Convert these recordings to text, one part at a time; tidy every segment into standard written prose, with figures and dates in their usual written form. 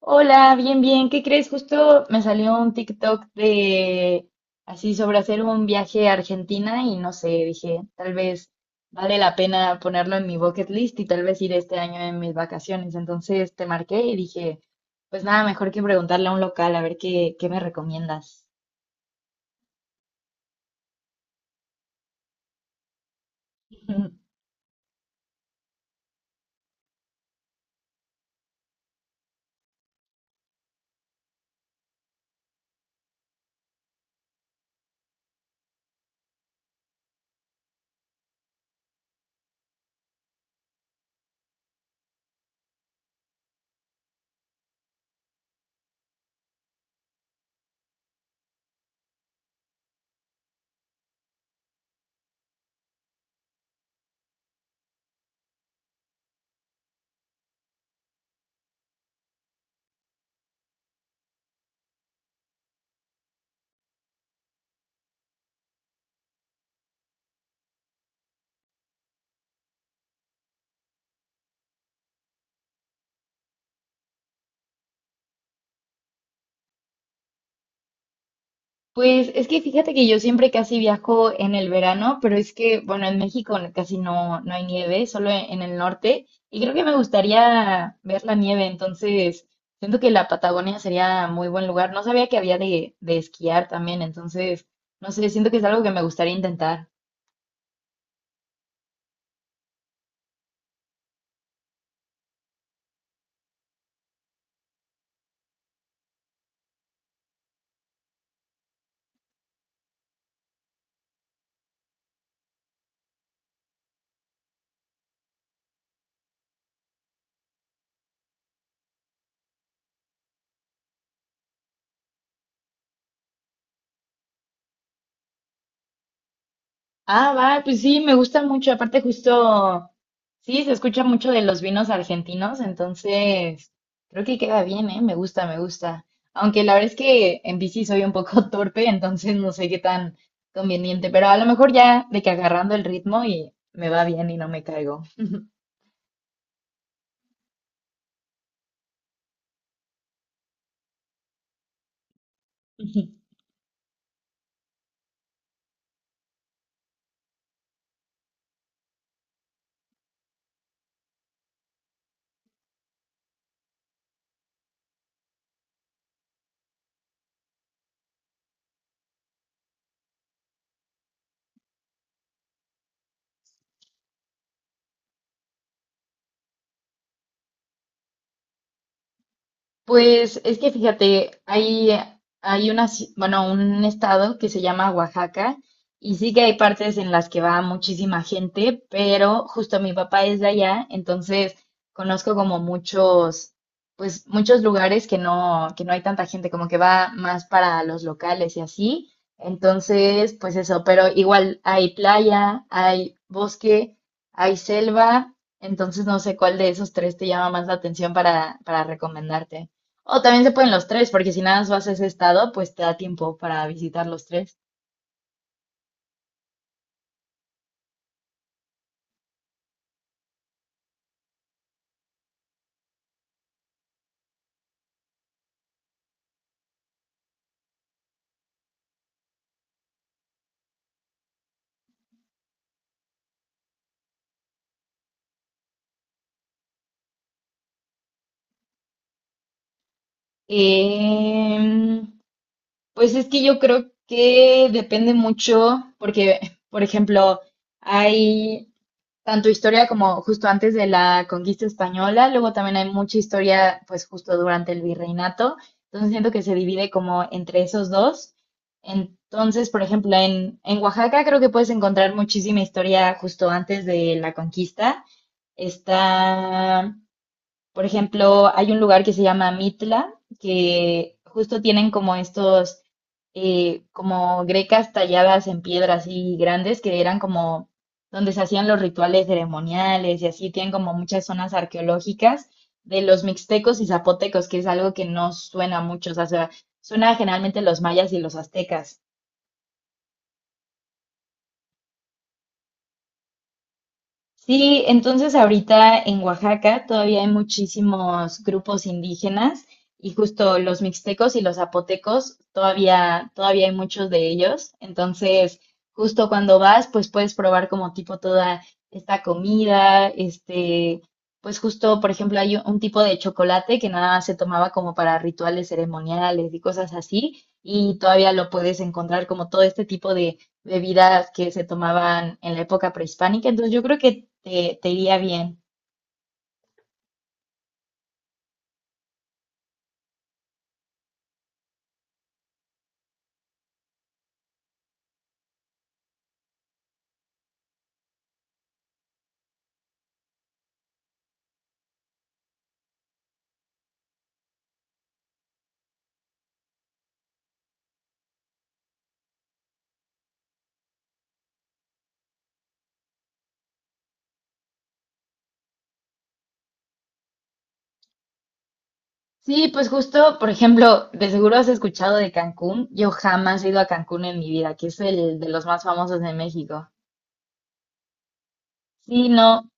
Hola, bien, bien. ¿Qué crees? Justo me salió un TikTok de así sobre hacer un viaje a Argentina y no sé, dije, tal vez vale la pena ponerlo en mi bucket list y tal vez ir este año en mis vacaciones. Entonces te marqué y dije, pues nada, mejor que preguntarle a un local a ver qué me recomiendas. Pues es que fíjate que yo siempre casi viajo en el verano, pero es que, bueno, en México casi no hay nieve, solo en el norte, y creo que me gustaría ver la nieve, entonces siento que la Patagonia sería muy buen lugar. No sabía que había de esquiar también, entonces, no sé, siento que es algo que me gustaría intentar. Ah, va, pues sí, me gusta mucho. Aparte, justo, sí, se escucha mucho de los vinos argentinos, entonces creo que queda bien, ¿eh? Me gusta, me gusta. Aunque la verdad es que en bici soy un poco torpe, entonces no sé qué tan conveniente, pero a lo mejor ya de que agarrando el ritmo y me va bien y no me caigo. Pues es que fíjate, hay una, bueno, un estado que se llama Oaxaca y sí que hay partes en las que va muchísima gente, pero justo mi papá es de allá, entonces conozco como muchos, pues muchos lugares que no hay tanta gente, como que va más para los locales y así. Entonces, pues eso, pero igual hay playa, hay bosque, hay selva, entonces no sé cuál de esos tres te llama más la atención para recomendarte. O también se pueden los tres, porque si nada más vas a ese estado, pues te da tiempo para visitar los tres. Em, pues es que yo creo que depende mucho, porque, por ejemplo, hay tanto historia como justo antes de la conquista española, luego también hay mucha historia, pues justo durante el virreinato. Entonces siento que se divide como entre esos dos. Entonces, por ejemplo, en Oaxaca creo que puedes encontrar muchísima historia justo antes de la conquista. Está, por ejemplo, hay un lugar que se llama Mitla, que justo tienen como estos, como grecas talladas en piedra así grandes, que eran como donde se hacían los rituales ceremoniales y así, tienen como muchas zonas arqueológicas de los mixtecos y zapotecos, que es algo que no suena mucho, o sea, suena generalmente los mayas y los aztecas. Sí, entonces ahorita en Oaxaca todavía hay muchísimos grupos indígenas y justo los mixtecos y los zapotecos, todavía hay muchos de ellos. Entonces, justo cuando vas, pues puedes probar como tipo toda esta comida, este, pues justo, por ejemplo, hay un tipo de chocolate que nada más se tomaba como para rituales ceremoniales y cosas así, y todavía lo puedes encontrar como todo este tipo de bebidas que se tomaban en la época prehispánica, entonces yo creo que te iría bien. Sí, pues justo, por ejemplo, de seguro has escuchado de Cancún. Yo jamás he ido a Cancún en mi vida, que es el de los más famosos de México. Sí, no.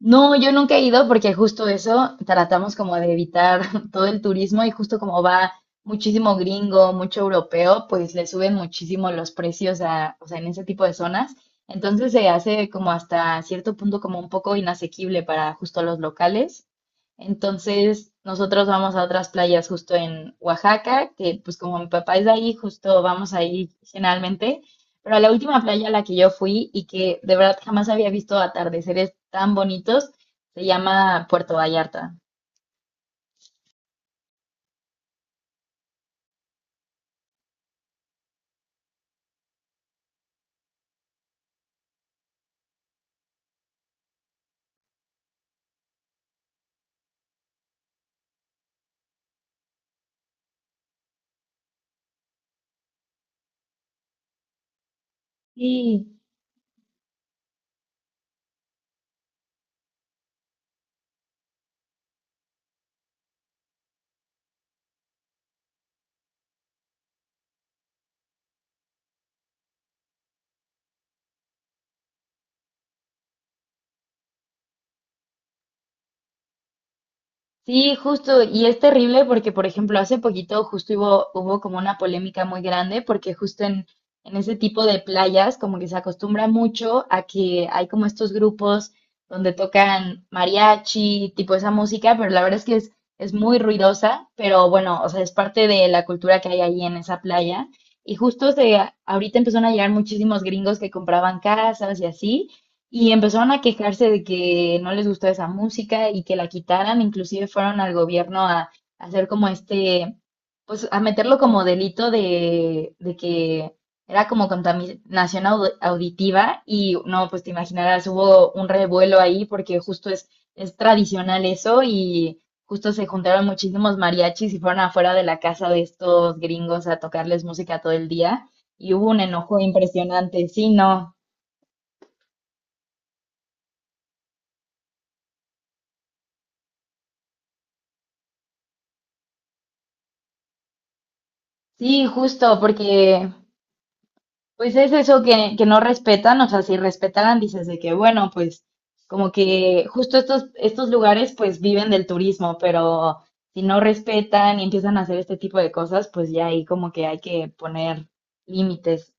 No, yo nunca he ido porque justo eso tratamos como de evitar todo el turismo y justo como va muchísimo gringo, mucho europeo, pues le suben muchísimo los precios a, o sea, en ese tipo de zonas. Entonces se hace como hasta cierto punto como un poco inasequible para justo los locales. Entonces nosotros vamos a otras playas justo en Oaxaca, que pues como mi papá es de ahí, justo vamos ahí generalmente. Pero la última playa a la que yo fui y que de verdad jamás había visto atardeceres tan bonitos se llama Puerto Vallarta. Sí. Sí, justo, y es terrible porque, por ejemplo, hace poquito justo hubo como una polémica muy grande porque justo en ese tipo de playas como que se acostumbra mucho a que hay como estos grupos donde tocan mariachi, tipo esa música, pero la verdad es que es muy ruidosa, pero bueno, o sea, es parte de la cultura que hay ahí en esa playa. Y justo se, ahorita empezaron a llegar muchísimos gringos que compraban casas y así. Y empezaron a quejarse de que no les gustó esa música y que la quitaran, inclusive fueron al gobierno a hacer como este, pues a meterlo como delito de que era como contaminación auditiva y no, pues te imaginarás, hubo un revuelo ahí porque justo es tradicional eso y justo se juntaron muchísimos mariachis y fueron afuera de la casa de estos gringos a tocarles música todo el día y hubo un enojo impresionante, sí, no. Sí, justo, porque pues es eso que no respetan, o sea, si respetaran, dices de que, bueno, pues como que justo estos lugares pues viven del turismo, pero si no respetan y empiezan a hacer este tipo de cosas, pues ya ahí como que hay que poner límites.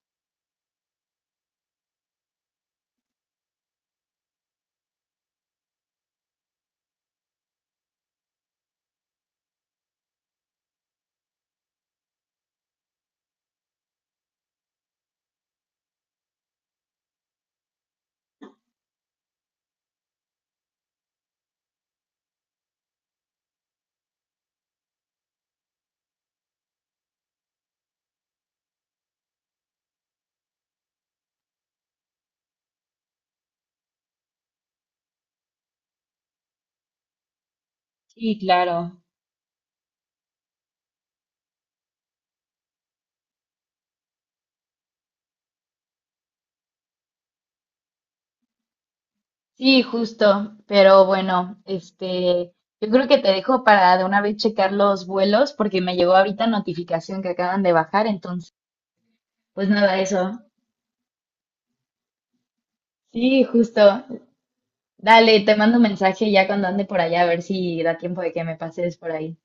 Sí, claro. Sí, justo, pero bueno, este, yo creo que te dejo para de una vez checar los vuelos porque me llegó ahorita notificación que acaban de bajar, entonces, pues nada, eso. Sí, justo. Dale, te mando un mensaje ya cuando ande por allá a ver si da tiempo de que me pases por ahí.